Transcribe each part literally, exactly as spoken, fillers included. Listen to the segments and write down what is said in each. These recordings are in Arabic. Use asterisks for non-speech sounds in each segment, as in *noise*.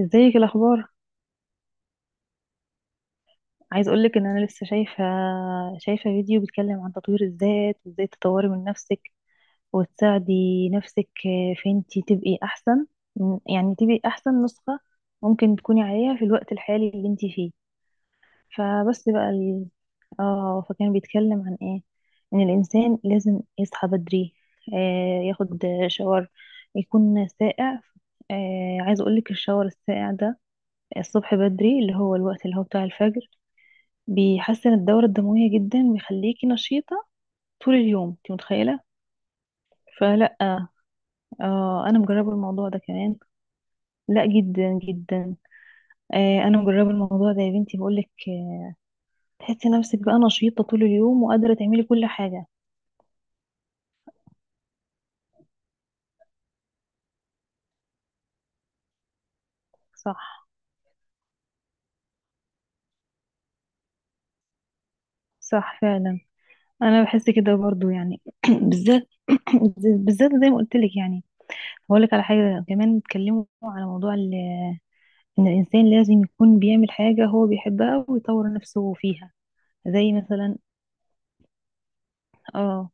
ازيك؟ إيه الاخبار؟ عايز اقولك ان انا لسه شايفه شايفه فيديو بيتكلم عن تطوير الذات وازاي تطوري من نفسك وتساعدي نفسك، آه، في انتي تبقي احسن، يعني تبقي احسن نسخه ممكن تكوني عليها في الوقت الحالي اللي انتي فيه. فبس بقى ال... اه فكان بيتكلم عن ايه، ان الانسان لازم يصحى بدري، آه ياخد شاور، يكون ساقع. آه عايز اقولك الشاور الساقع ده الصبح بدري، اللي هو الوقت اللي هو بتاع الفجر، بيحسن الدورة الدموية جدا، بيخليكي نشيطة طول اليوم، انت متخيلة؟ فلا. آه، انا مجربة الموضوع ده كمان. لا، جدا جدا. آه، انا مجربة الموضوع ده يا بنتي، بقولك آه. تحسي نفسك بقى نشيطة طول اليوم وقادرة تعملي كل حاجة. صح، صح فعلا. انا بحس كده برضو يعني *clears throat* بالذات *clears throat* بالذات زي ما قلت لك يعني. هقول لك على حاجة كمان، اتكلموا على موضوع ال- ان الانسان لازم يكون بيعمل حاجة هو بيحبها ويطور نفسه فيها. زي مثلا. اه،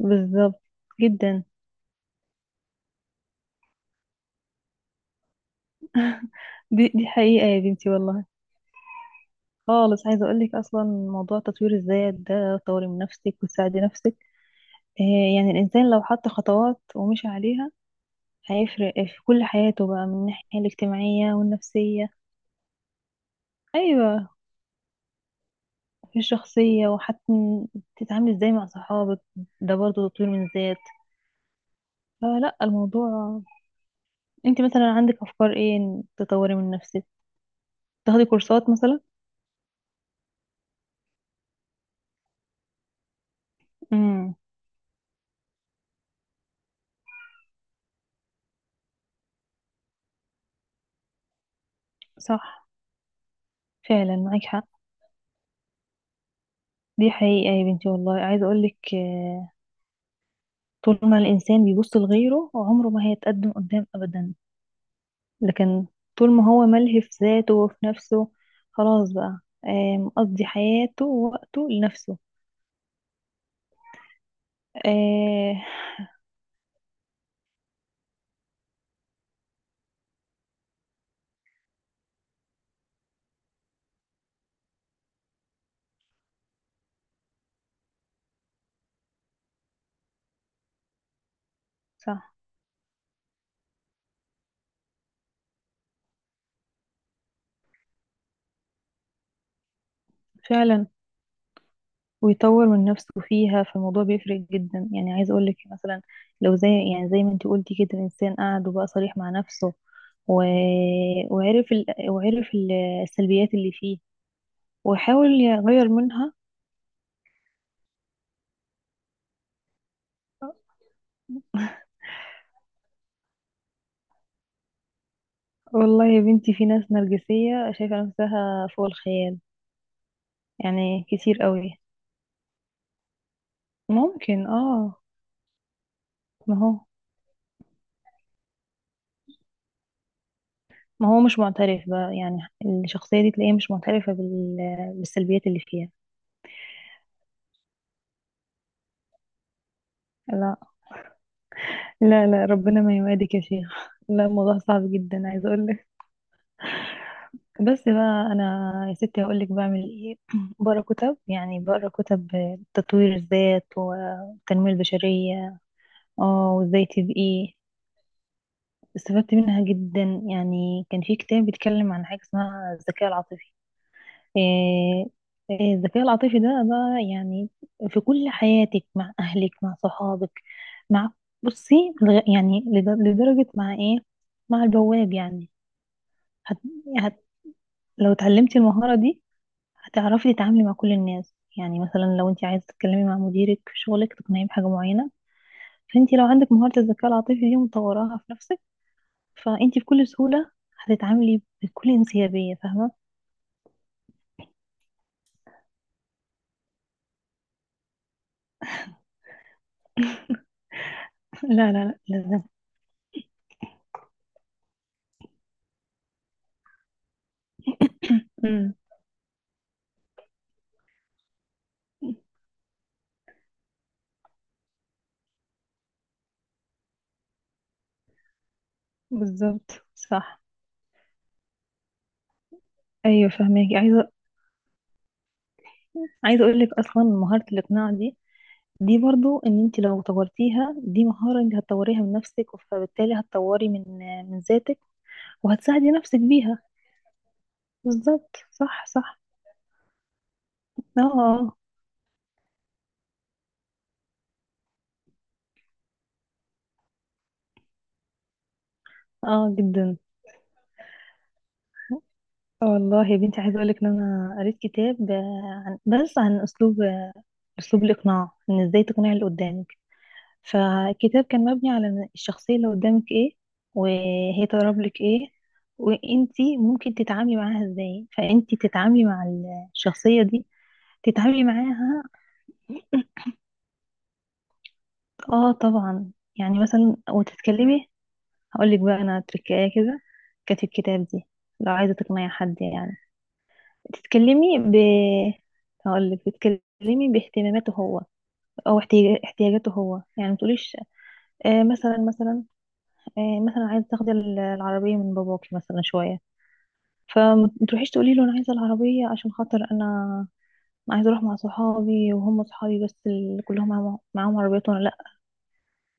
بالظبط جدا. دي دي حقيقة يا بنتي والله. خالص. عايزة أقولك أصلا موضوع تطوير الذات ده طوري من نفسك وتساعدي نفسك، آه، يعني الإنسان لو حط خطوات ومشي عليها هيفرق في كل حياته بقى، من الناحية الاجتماعية والنفسية. أيوة. في الشخصية، وحتى تتعاملي ازاي مع صحابك، ده برضه تطوير من الذات. فلا الموضوع. انت مثلا عندك أفكار ايه إن تطوري من نفسك؟ تاخدي كورسات مثلا. امم. صح فعلا، معاكي حق. دي حقيقة يا بنتي والله، عايزة أقولك آه، طول ما الإنسان بيبص لغيره عمره ما هيتقدم قدام أبدا. لكن طول ما هو ملهي في ذاته وفي نفسه خلاص بقى، آه، مقضي حياته ووقته لنفسه. آه. صح فعلا، ويطور من نفسه فيها، فالموضوع بيفرق جدا يعني. عايزة أقولك مثلا، لو زي، يعني زي ما انتي قلتي كده، الإنسان قعد وبقى صريح مع نفسه و... وعرف ال... وعرف السلبيات اللي فيه وحاول يغير منها. والله يا بنتي، في ناس نرجسية شايفة نفسها فوق الخيال، يعني كتير قوي. ممكن اه. ما هو ما هو مش معترف بقى يعني، الشخصية دي تلاقيها مش معترفة بال- بالسلبيات اللي فيها. لا، لا، لا، ربنا ما يوادك يا شيخ *laughs* لا، الموضوع صعب جدا، عايزة اقولك. بس بقى انا يا ستي هقولك بعمل ايه *clears throat* بقرا كتب، يعني بقرا كتب تطوير الذات والتنمية البشرية. اه، وازاي تبقي. استفدت منها جدا، يعني كان في كتاب بيتكلم عن حاجة اسمها الذكاء العاطفي. إيه إيه الذكاء العاطفي ده بقى يعني، في كل حياتك، مع أهلك، مع صحابك، مع بصي، لغ- يعني لد- لدرجة مع إيه، مع البواب يعني. هت... هت... لو اتعلمتي المهارة دي هتعرفي تتعاملي مع كل الناس، يعني مثلا لو انت عايزة تتكلمي مع مديرك في شغلك تقنعيه بحاجة معينة، فانت لو عندك مهارة الذكاء العاطفي دي ومطوراها في نفسك، فانتي بكل سهولة هتتعاملي بكل انسيابية، فاهمة؟ *laughs* لا، لا، لا، لازم. امم. بالظبط، صح. ايوه فاهماكي، عايزة عايزة اقول لك اصلا مهارة الاقناع دي، دي برضو ان انت لو طورتيها، دي مهارة انت هتطوريها من نفسك، فبالتالي هتطوري من من ذاتك، وهتساعدي نفسك بيها. بالظبط، صح، صح. اه، اه. آه، جدا. آه والله يا بنتي، عايزة اقول لك ان انا قريت كتاب آه، عن بس عن اسلوب اسلوب الاقناع، ان ازاي تقنعي اللي قدامك. فالكتاب كان مبني على إن الشخصية اللي قدامك ايه، وهي تقرب لك ايه، وانتي ممكن تتعاملي معاها ازاي، فانتي تتعاملي مع الشخصية دي، تتعاملي معاها. اه طبعا. يعني مثلا وتتكلمي، هقولك بقى انا تركاية كده كانت في الكتاب دي، لو عايزة تقنعي حد يعني تتكلمي ب، هقولك بتتكلمي باهتماماته هو، او احتياج- احتياجاته هو، يعني متقوليش آه مثلا مثلا آه، مثلا عايزه تاخدي ال- العربيه من باباكي مثلا شويه، فما تروحيش تقولي له انا عايزه العربيه عشان خاطر انا، عايزه اروح مع صحابي وهم صحابي بس اللي كلهم معاهم معاهم عربيات وانا لا.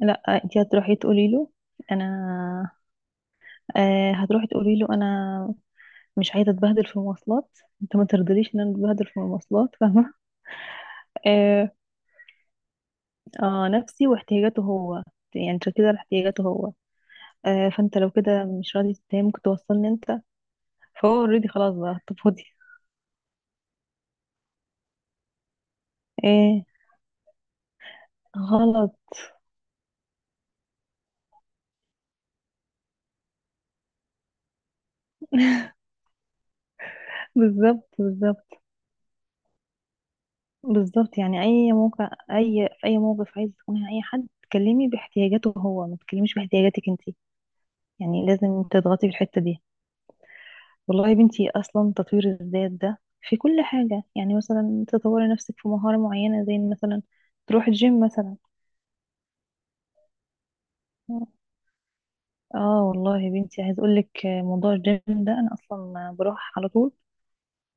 لا، انت هتروحي تقولي له انا، آه هتروحي تقولي له انا مش عايزه اتبهدل في المواصلات، انت ما ترضليش ان انا اتبهدل في المواصلات، فاهمه؟ *laughs* آه. اه نفسي واحتياجاته هو، يعني تركيز على احتياجاته هو. آه فانت لو كده مش راضي تتهمك توصلني انت، فهو اوريدي خلاص بقى، طب فاضي. ايه، غلط. بالظبط، بالظبط، بالظبط. يعني اي موقع اي في اي موقف عايز تكوني اي حد، تكلمي باحتياجاته هو، ما تتكلميش باحتياجاتك انت، يعني لازم تضغطي في الحته دي. والله يا بنتي، اصلا تطوير الذات ده في كل حاجه، يعني مثلا تطوري نفسك في مهاره معينه، زي مثلا تروحي الجيم مثلا. اه والله يا بنتي، عايز اقول لك موضوع الجيم ده انا اصلا بروح على طول.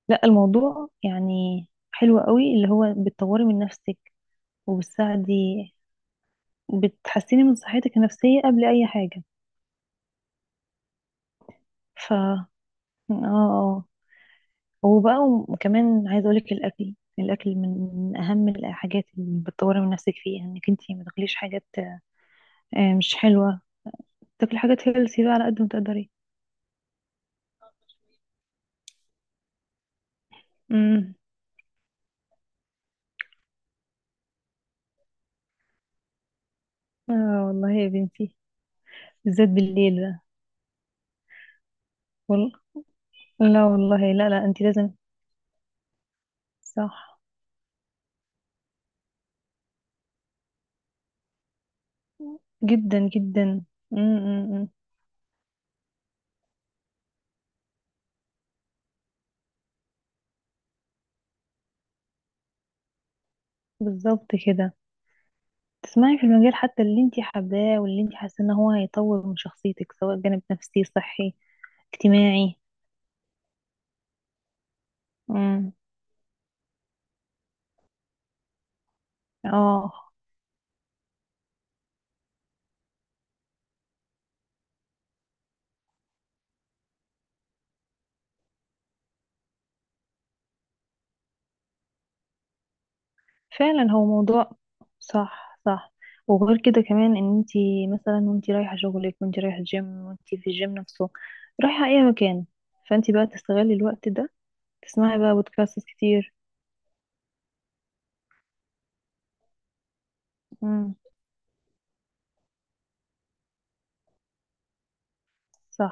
لا، الموضوع يعني حلو قوي، اللي هو بتطوري من نفسك وبتساعدي، بتحسني من صحتك النفسية قبل أي حاجة. ف اه، اه. وبقى، وكمان عايزة أقولك الأكل الأكل من من أهم الحاجات اللي بتطوري من نفسك فيها، إنك انتي ما تاكليش حاجات آه، مش حلوة، تاكلي حاجات هيلثي بقى على قد ما تقدري. امم. اه والله يا بنتي، بالذات بالليل ده. وال... لا والله، لا، لا، انتي لازم. صح، جدا جدا. امم. بالظبط كده، تسمعي في المجال حتى اللي انتي حباه، واللي انتي حاسه ان هو هيطور من شخصيتك، سواء جانب نفسي، صحي، اجتماعي. امم. اه فعلا، هو موضوع. صح، صح. وغير كده كمان، ان انتي مثلا وانتي رايحه شغلك، وانتي رايحه الجيم، وانتي في الجيم نفسه، رايحه اي مكان، فانتي بقى تستغلي الوقت ده، تسمعي بقى بودكاست كتير. امم. صح،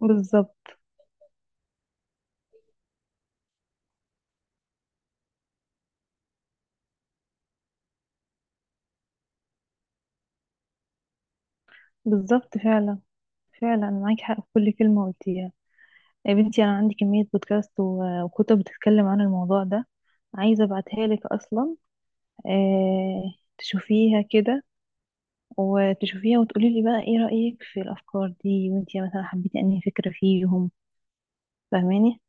بالظبط، بالظبط. فعلا، فعلا معاكي حق في كل كلمه قلتيها. يا بنتي انا عندي كمية بودكاست و- وكتب بتتكلم عن الموضوع ده، عايزة ابعتها لك اصلا. آه، تشوفيها كده، وتشوفيها وتقولي لي بقى ايه رأيك في الافكار دي، وانتي مثلا حبيتي انهي فكرة فيهم، فاهماني؟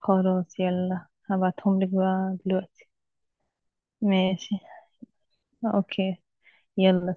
خلاص يلا، هبعتهم لك بقى دلوقتي. ماشي، اوكي، يلا سلام.